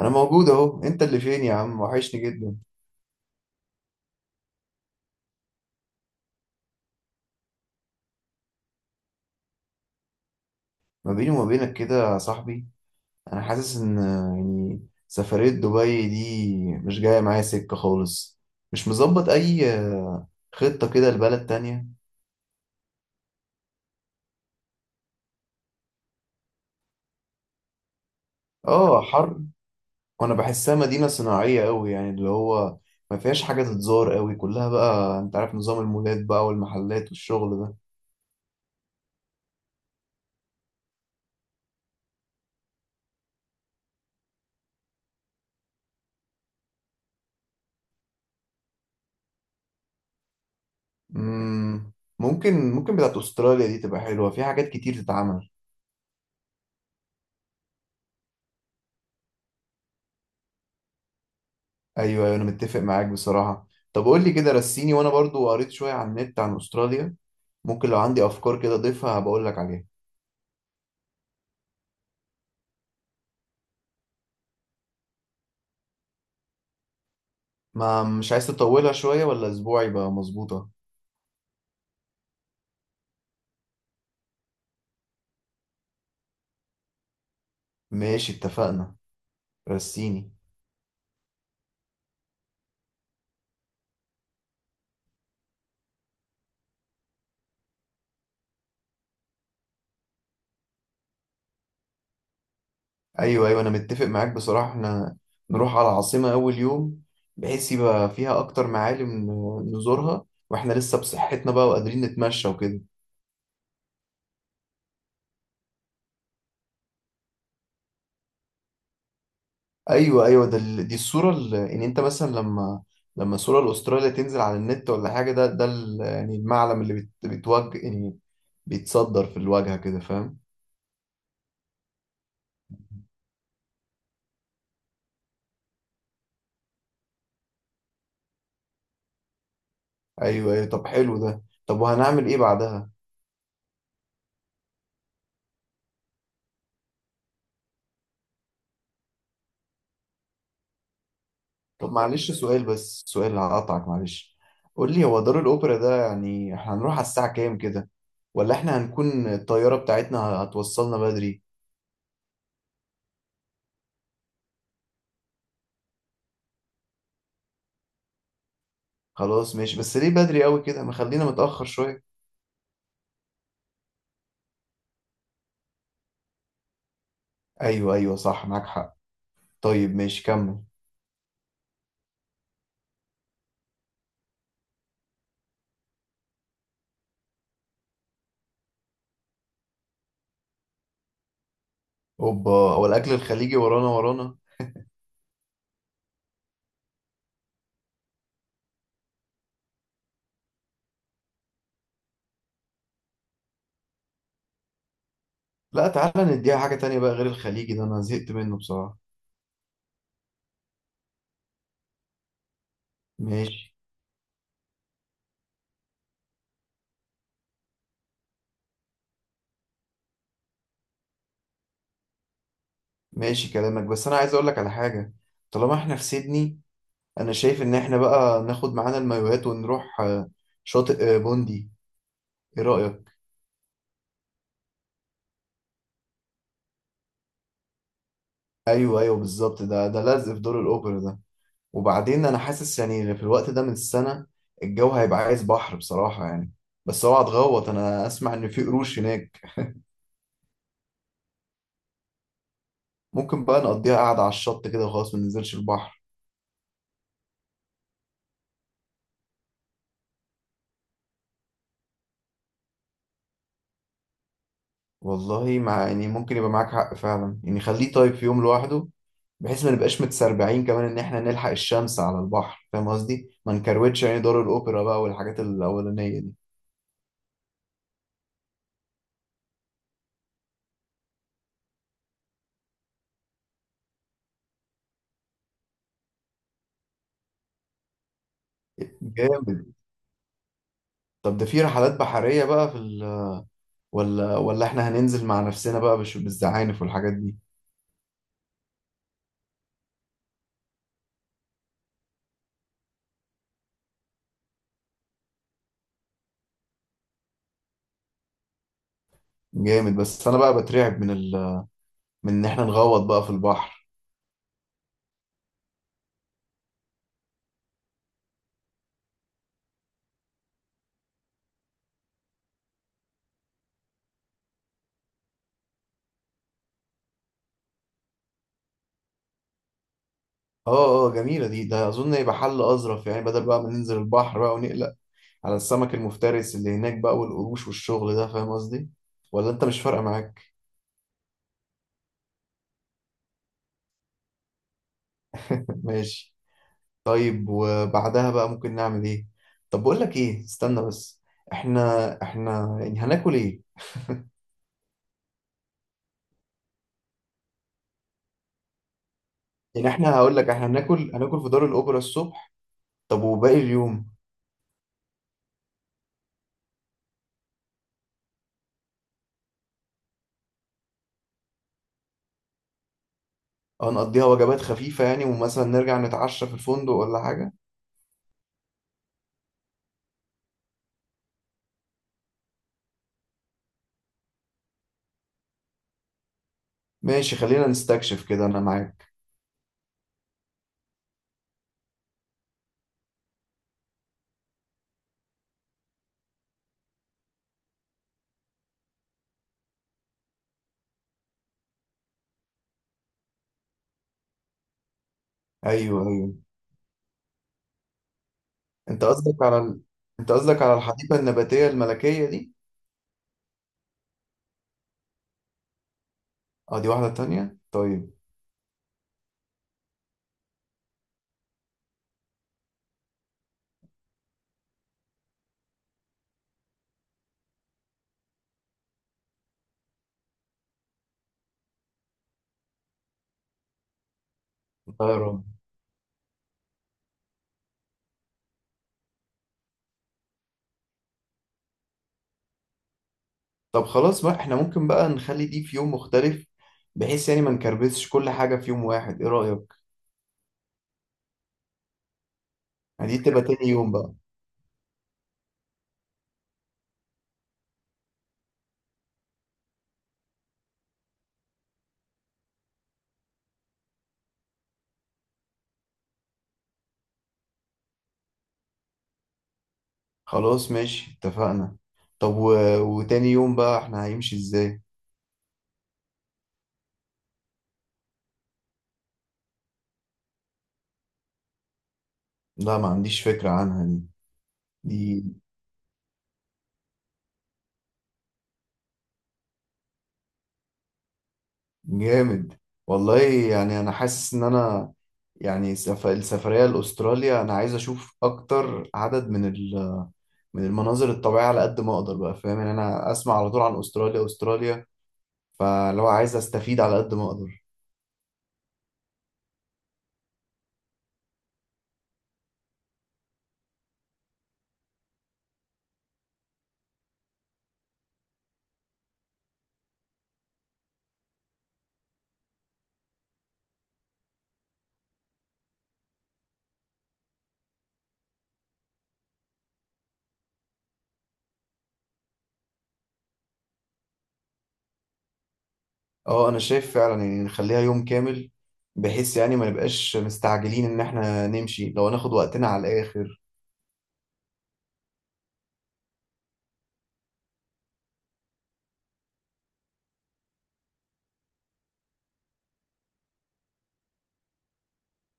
انا موجود اهو، انت اللي فين يا عم؟ وحشني جدا. ما بيني وما بينك كده يا صاحبي، انا حاسس ان سفرية دبي دي مش جاية معايا سكة خالص. مش مظبط اي خطة كده لبلد تانية. اه حر، وانا بحسها مدينة صناعية قوي، يعني اللي هو ما فيهاش حاجة تتزار قوي، كلها بقى انت عارف نظام المولات بقى والمحلات والشغل ده. مم، ممكن بتاعت استراليا دي تبقى حلوة، في حاجات كتير تتعمل. ايوه ايوه، انا متفق معاك بصراحه. طب قول لي كده رسيني، وانا برضو قريت شويه عن النت عن استراليا، ممكن لو عندي افكار كده اضيفها بقول لك عليها. ما مش عايز تطولها شويه؟ ولا اسبوع يبقى مظبوطه. ماشي اتفقنا، رسيني. ايوه ايوه، انا متفق معاك بصراحه. احنا نروح على العاصمه اول يوم، بحيث يبقى فيها اكتر معالم نزورها، واحنا لسه بصحتنا بقى وقادرين نتمشى وكده. ايوه ايوه، دي الصوره انت مثلا لما الصوره الاستراليا تنزل على النت ولا حاجه، ده يعني المعلم اللي بتوجه يعني، بيتصدر في الواجهه كده، فاهم. ايوه ايوه، طب حلو ده. طب وهنعمل ايه بعدها؟ طب معلش سؤال، بس سؤال هقطعك معلش. قول لي، هو دار الاوبرا ده يعني احنا هنروح على الساعه كام كده؟ ولا احنا هنكون الطياره بتاعتنا هتوصلنا بدري؟ خلاص ماشي، بس ليه بدري قوي كده؟ ما خلينا متاخر شويه. ايوه ايوه صح، معاك حق. طيب ماشي، كمل. اوبا، هو الاكل الخليجي ورانا ورانا؟ لا تعالى نديها حاجه تانية بقى غير الخليجي ده، انا زهقت منه بصراحه. ماشي ماشي كلامك، بس انا عايز اقول لك على حاجه. طالما احنا في سيدني، انا شايف ان احنا بقى ناخد معانا المايوهات ونروح شاطئ بوندي. ايه رايك؟ ايوه ايوه بالظبط، ده ده لازق في دور الاوبرا ده. وبعدين انا حاسس يعني في الوقت ده من السنه الجو هيبقى عايز بحر بصراحه يعني. بس اوعى تغوط، انا اسمع ان في قروش هناك. ممكن بقى نقضيها قاعده على الشط كده وخلاص، ما ننزلش البحر. والله مع يعني، ممكن يبقى معاك حق فعلا يعني، خليه طيب في يوم لوحده، بحيث ما نبقاش متسربعين كمان ان احنا نلحق الشمس على البحر، فاهم قصدي؟ ما نكروتش يعني دار الاوبرا بقى والحاجات الاولانيه دي. جامد. طب ده في رحلات بحريه بقى في ولا ولا احنا هننزل مع نفسنا بقى بالزعانف والحاجات دي؟ جامد، بس انا بقى بترعب من من ان احنا نغوط بقى في البحر. اه، اه جميله دي، ده اظن يبقى حل اظرف يعني، بدل بقى ما ننزل البحر بقى ونقلق على السمك المفترس اللي هناك بقى والقروش والشغل ده، فاهم قصدي؟ ولا انت مش فارقه معاك. ماشي. طيب وبعدها بقى ممكن نعمل ايه؟ طب بقول لك ايه، استنى بس، احنا يعني هناكل ايه؟ يعني احنا هقول لك، احنا هناكل في دار الاوبرا الصبح، طب وباقي اليوم؟ هنقضيها وجبات خفيفه يعني، ومثلا نرجع نتعشى في الفندق ولا حاجه. ماشي خلينا نستكشف كده، انا معاك. ايوه ايوه، انت قصدك على انت قصدك على الحديقه النباتيه الملكيه دي؟ اه دي واحده تانية، طيب. طيب طب خلاص بقى، احنا ممكن بقى نخلي دي في يوم مختلف، بحيث يعني ما نكربسش كل حاجة في يوم واحد، ايه رأيك؟ يعني دي تبقى تاني يوم بقى. خلاص ماشي اتفقنا. طب وتاني يوم بقى احنا هيمشي ازاي؟ لا ما عنديش فكرة عنها دي. دي جامد والله، يعني انا حاسس ان انا يعني السفرية لأستراليا أنا عايز أشوف أكتر عدد من من المناظر الطبيعية على قد ما أقدر بقى، فاهم يعني؟ أنا أسمع على طول عن أستراليا أستراليا، فلو عايز أستفيد على قد ما أقدر. اه انا شايف فعلا، يعني نخليها يوم كامل، بحيث يعني ما نبقاش مستعجلين، ان احنا نمشي لو هناخد وقتنا على الاخر.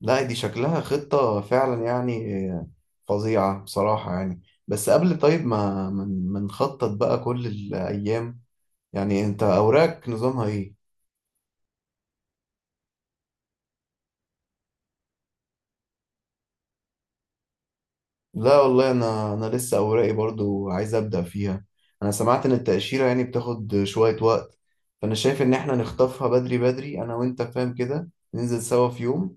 لا دي شكلها خطة فعلا يعني، فظيعة بصراحة يعني. بس قبل طيب ما نخطط بقى كل الايام، يعني انت اوراقك نظامها ايه؟ لا والله، انا لسه اوراقي برضو عايز ابدأ فيها. انا سمعت ان التأشيرة يعني بتاخد شوية وقت، فانا شايف ان احنا نخطفها بدري بدري انا وانت، فاهم كده؟ ننزل سوا في يوم،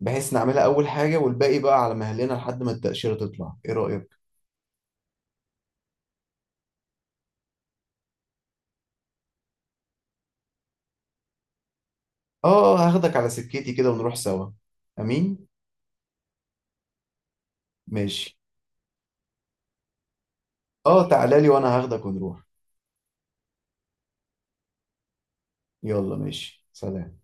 بحيث نعملها اول حاجه، والباقي بقى على مهلنا لحد ما التاشيره تطلع. ايه رايك؟ اه. هاخدك على سكتي كده ونروح سوا. امين. ماشي. اه تعالى لي وانا هاخدك ونروح. يلا ماشي، سلام.